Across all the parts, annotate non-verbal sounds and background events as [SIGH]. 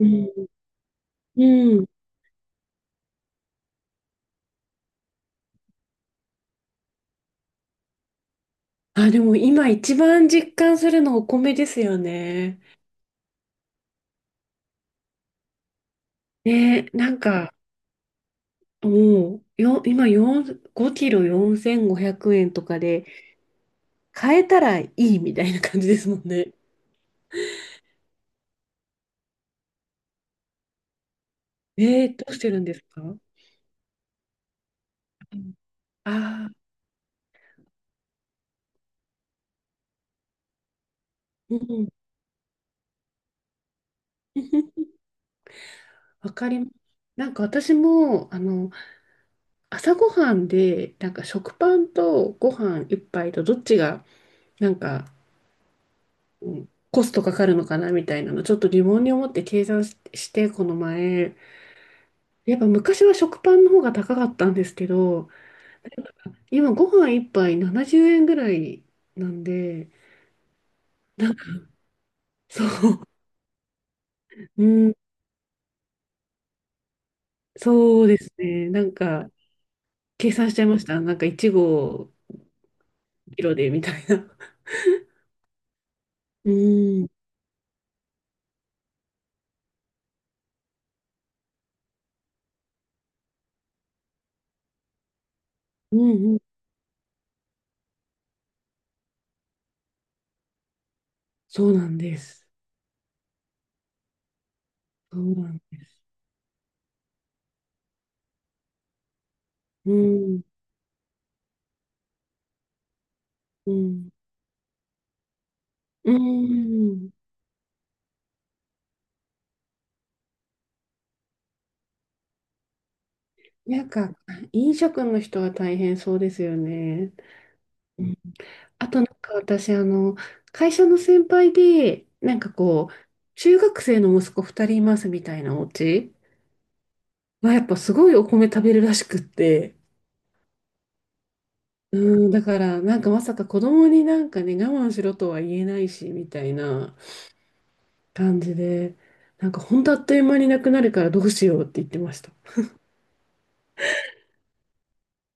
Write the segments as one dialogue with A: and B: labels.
A: うん。うん、あ、でも今一番実感するのお米ですよね。ね、なんか、もう、今4、5キロ4500円とかで、買えたらいいみたいな感じですもんね。どうしてるんですか？ああー、うん。[LAUGHS] わかります。なんか私も、朝ごはんで、なんか食パンとご飯一杯とどっちが、なんか、うん、コストかかるのかなみたいなの、ちょっと疑問に思って計算してこの前、やっぱ昔は食パンの方が高かったんですけど、今ご飯一杯70円ぐらいなんで、なんかそう、うん、そうですね。なんか、計算しちゃいました。なんか、1合キロで、みたいな。うん、うん、うん。そうなんです。そうなんです。うん、うん、うん。なんか、飲食の人は大変そうですよね。あとなんか私、会社の先輩で、なんかこう、中学生の息子2人いますみたいなお家はやっぱすごいお米食べるらしくって、うん、だからなんかまさか子供になんかね、我慢しろとは言えないし、みたいな感じで、なんかほんとあっという間になくなるからどうしようって言ってました。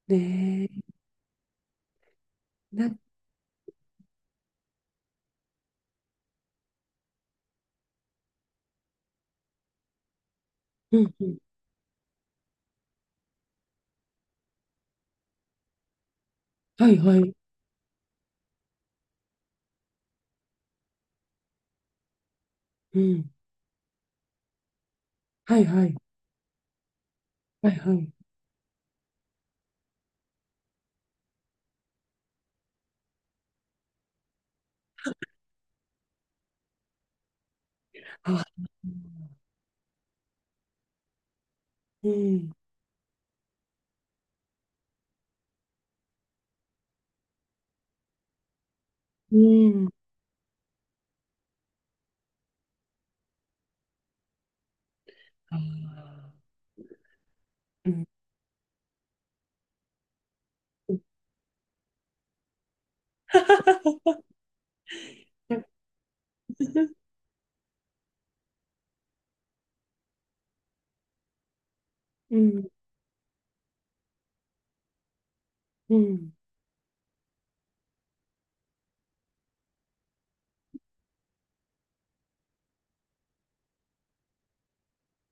A: ねえ、うんうん、はいはい、うん、はいはい、はいはい。あ、うん、うん、あー [LAUGHS] うん、うん。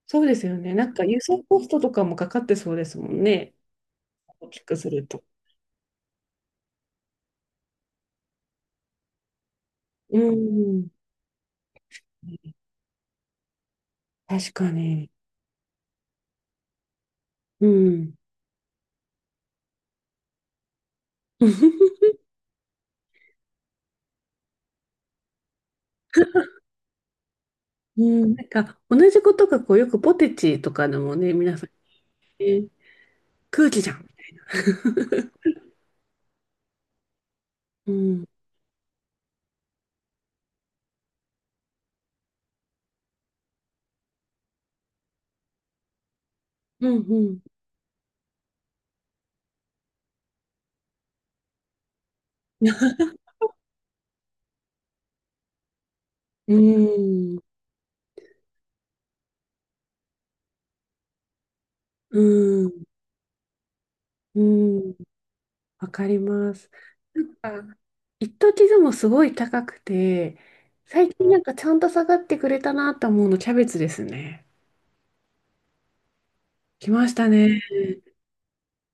A: そうですよね。なんか輸送コストとかもかかってそうですもんね。大きくすると。うん。確かに。うん。[LAUGHS] うん。なんか同じことがこうよくポテチとかのもね、皆さんね、空気じゃん。うん。うんうん。[LAUGHS] うん。うん。うん。わかります。なんか、一時でもすごい高くて、最近なんかちゃんと下がってくれたなと思うの、キャベツですね。来ましたね。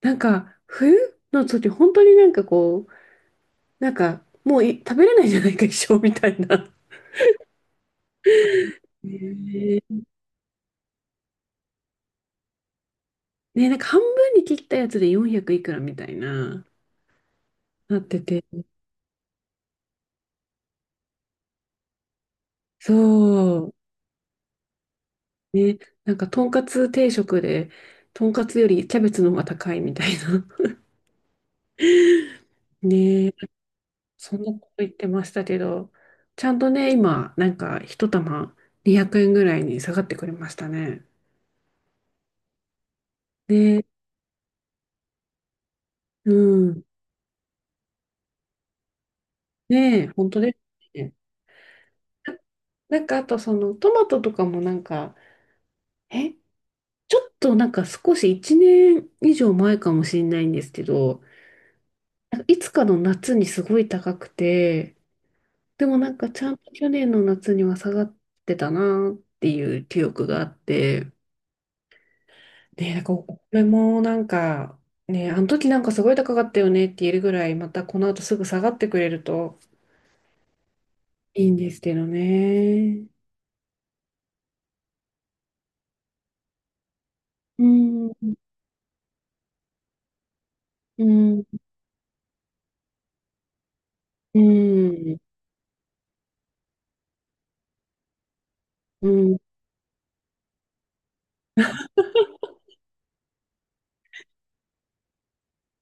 A: なんか、冬の時、本当になんかこう、なんか、もうい食べれないじゃないか、一生みたいな。ねえ、ね、なんか半分に切ったやつで400いくらみたいな、なってて。そう。ね、なんか、とんかつ定食で、とんかつよりキャベツの方が高いみたいな。[LAUGHS] ねえ、そんなこと言ってましたけど、ちゃんとね、今、なんか一玉200円ぐらいに下がってくれましたね。ね、うん。ねえ、本当ですね。ななんかあとそのトマトとかもなんか、え、ちょっとなんか少し1年以上前かもしれないんですけど、なんかいつかの夏にすごい高くて、でもなんかちゃんと去年の夏には下がってたなっていう記憶があって、ねえ、なんか、これもなんか、ねえ、あの時なんかすごい高かったよねって言えるぐらい、またこの後すぐ下がってくれるといいんですけどね。うん、うん、うん、うん、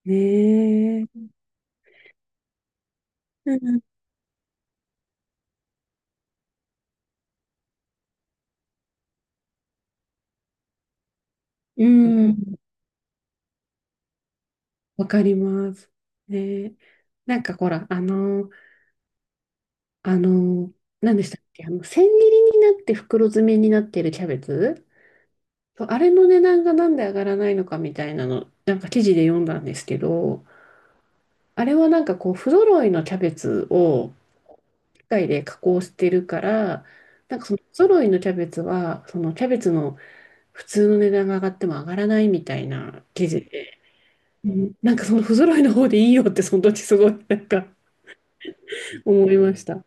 A: ねえ。うん、うん、わかります。ねえ、なんかほら、あの、何でしたっけ、千切りになって袋詰めになってるキャベツ、そうあれの値段がなんで上がらないのかみたいなの、なんか記事で読んだんですけど、あれはなんかこう、不揃いのキャベツを機械で加工してるから、なんかその不揃いのキャベツは、そのキャベツの普通の値段が上がっても上がらないみたいな記事で、うん、なんかその不揃いの方でいいよってその時すごいなんか思いました。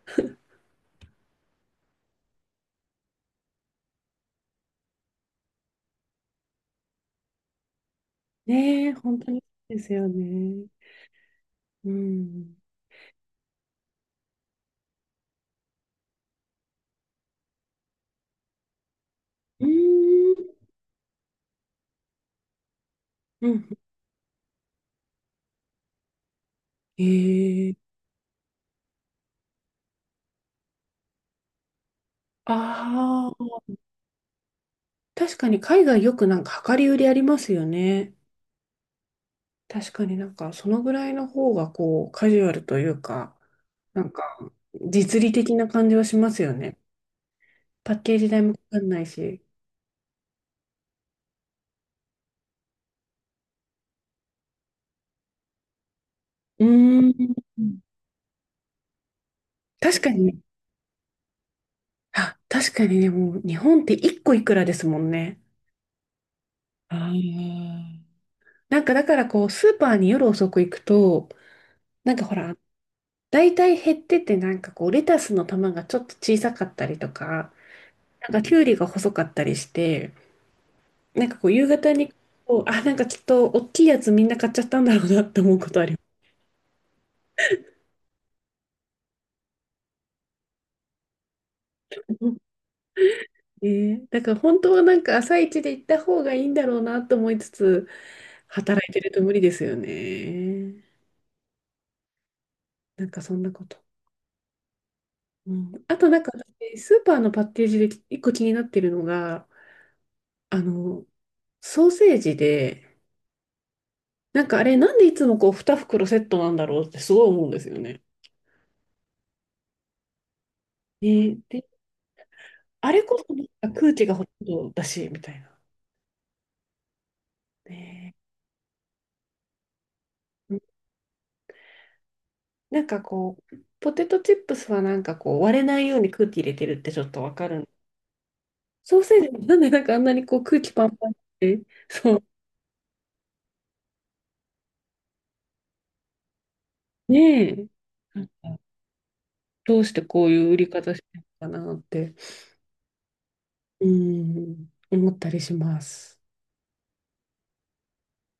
A: ねえ、本当にそうですよね。うん。うーん。うん。ええ、ああ、確かに海外よくなんか量り売りありますよね。確かになんかそのぐらいの方がこうカジュアルというか、なんか実利的な感じはしますよね。パッケージ代もかかんないし。うーん。確かに、あ、確かにね、もう日本って一個いくらですもんね。あー、なんかだからこうスーパーに夜遅く行くと、なんかほら、大体減っててなんかこうレタスの玉がちょっと小さかったりとか、なんかきゅうりが細かったりして、なんかこう夕方にこう、あ、なんかきっと大きいやつみんな買っちゃったんだろうなって思うことあります。[LAUGHS] ね、だから本当はなんか朝一で行った方がいいんだろうなと思いつつ、働いてると無理ですよね。なんかそんなこと。うん、あとなんか私、スーパーのパッケージで一個気になってるのが、あの、ソーセージで、なんかあれなんでいつもこう2袋セットなんだろうってすごい思うんですよね。ね、で、あれこそなんか空気がほとんどだし、みたいな。ね、なんかこう、ポテトチップスはなんかこう、割れないように空気入れてるってちょっとわかる。ソーセージもなんでなんかあんなにこう空気パンパンって、ねえ、なんかどうしてこういう売り方してるのかなって、うん、思ったりします。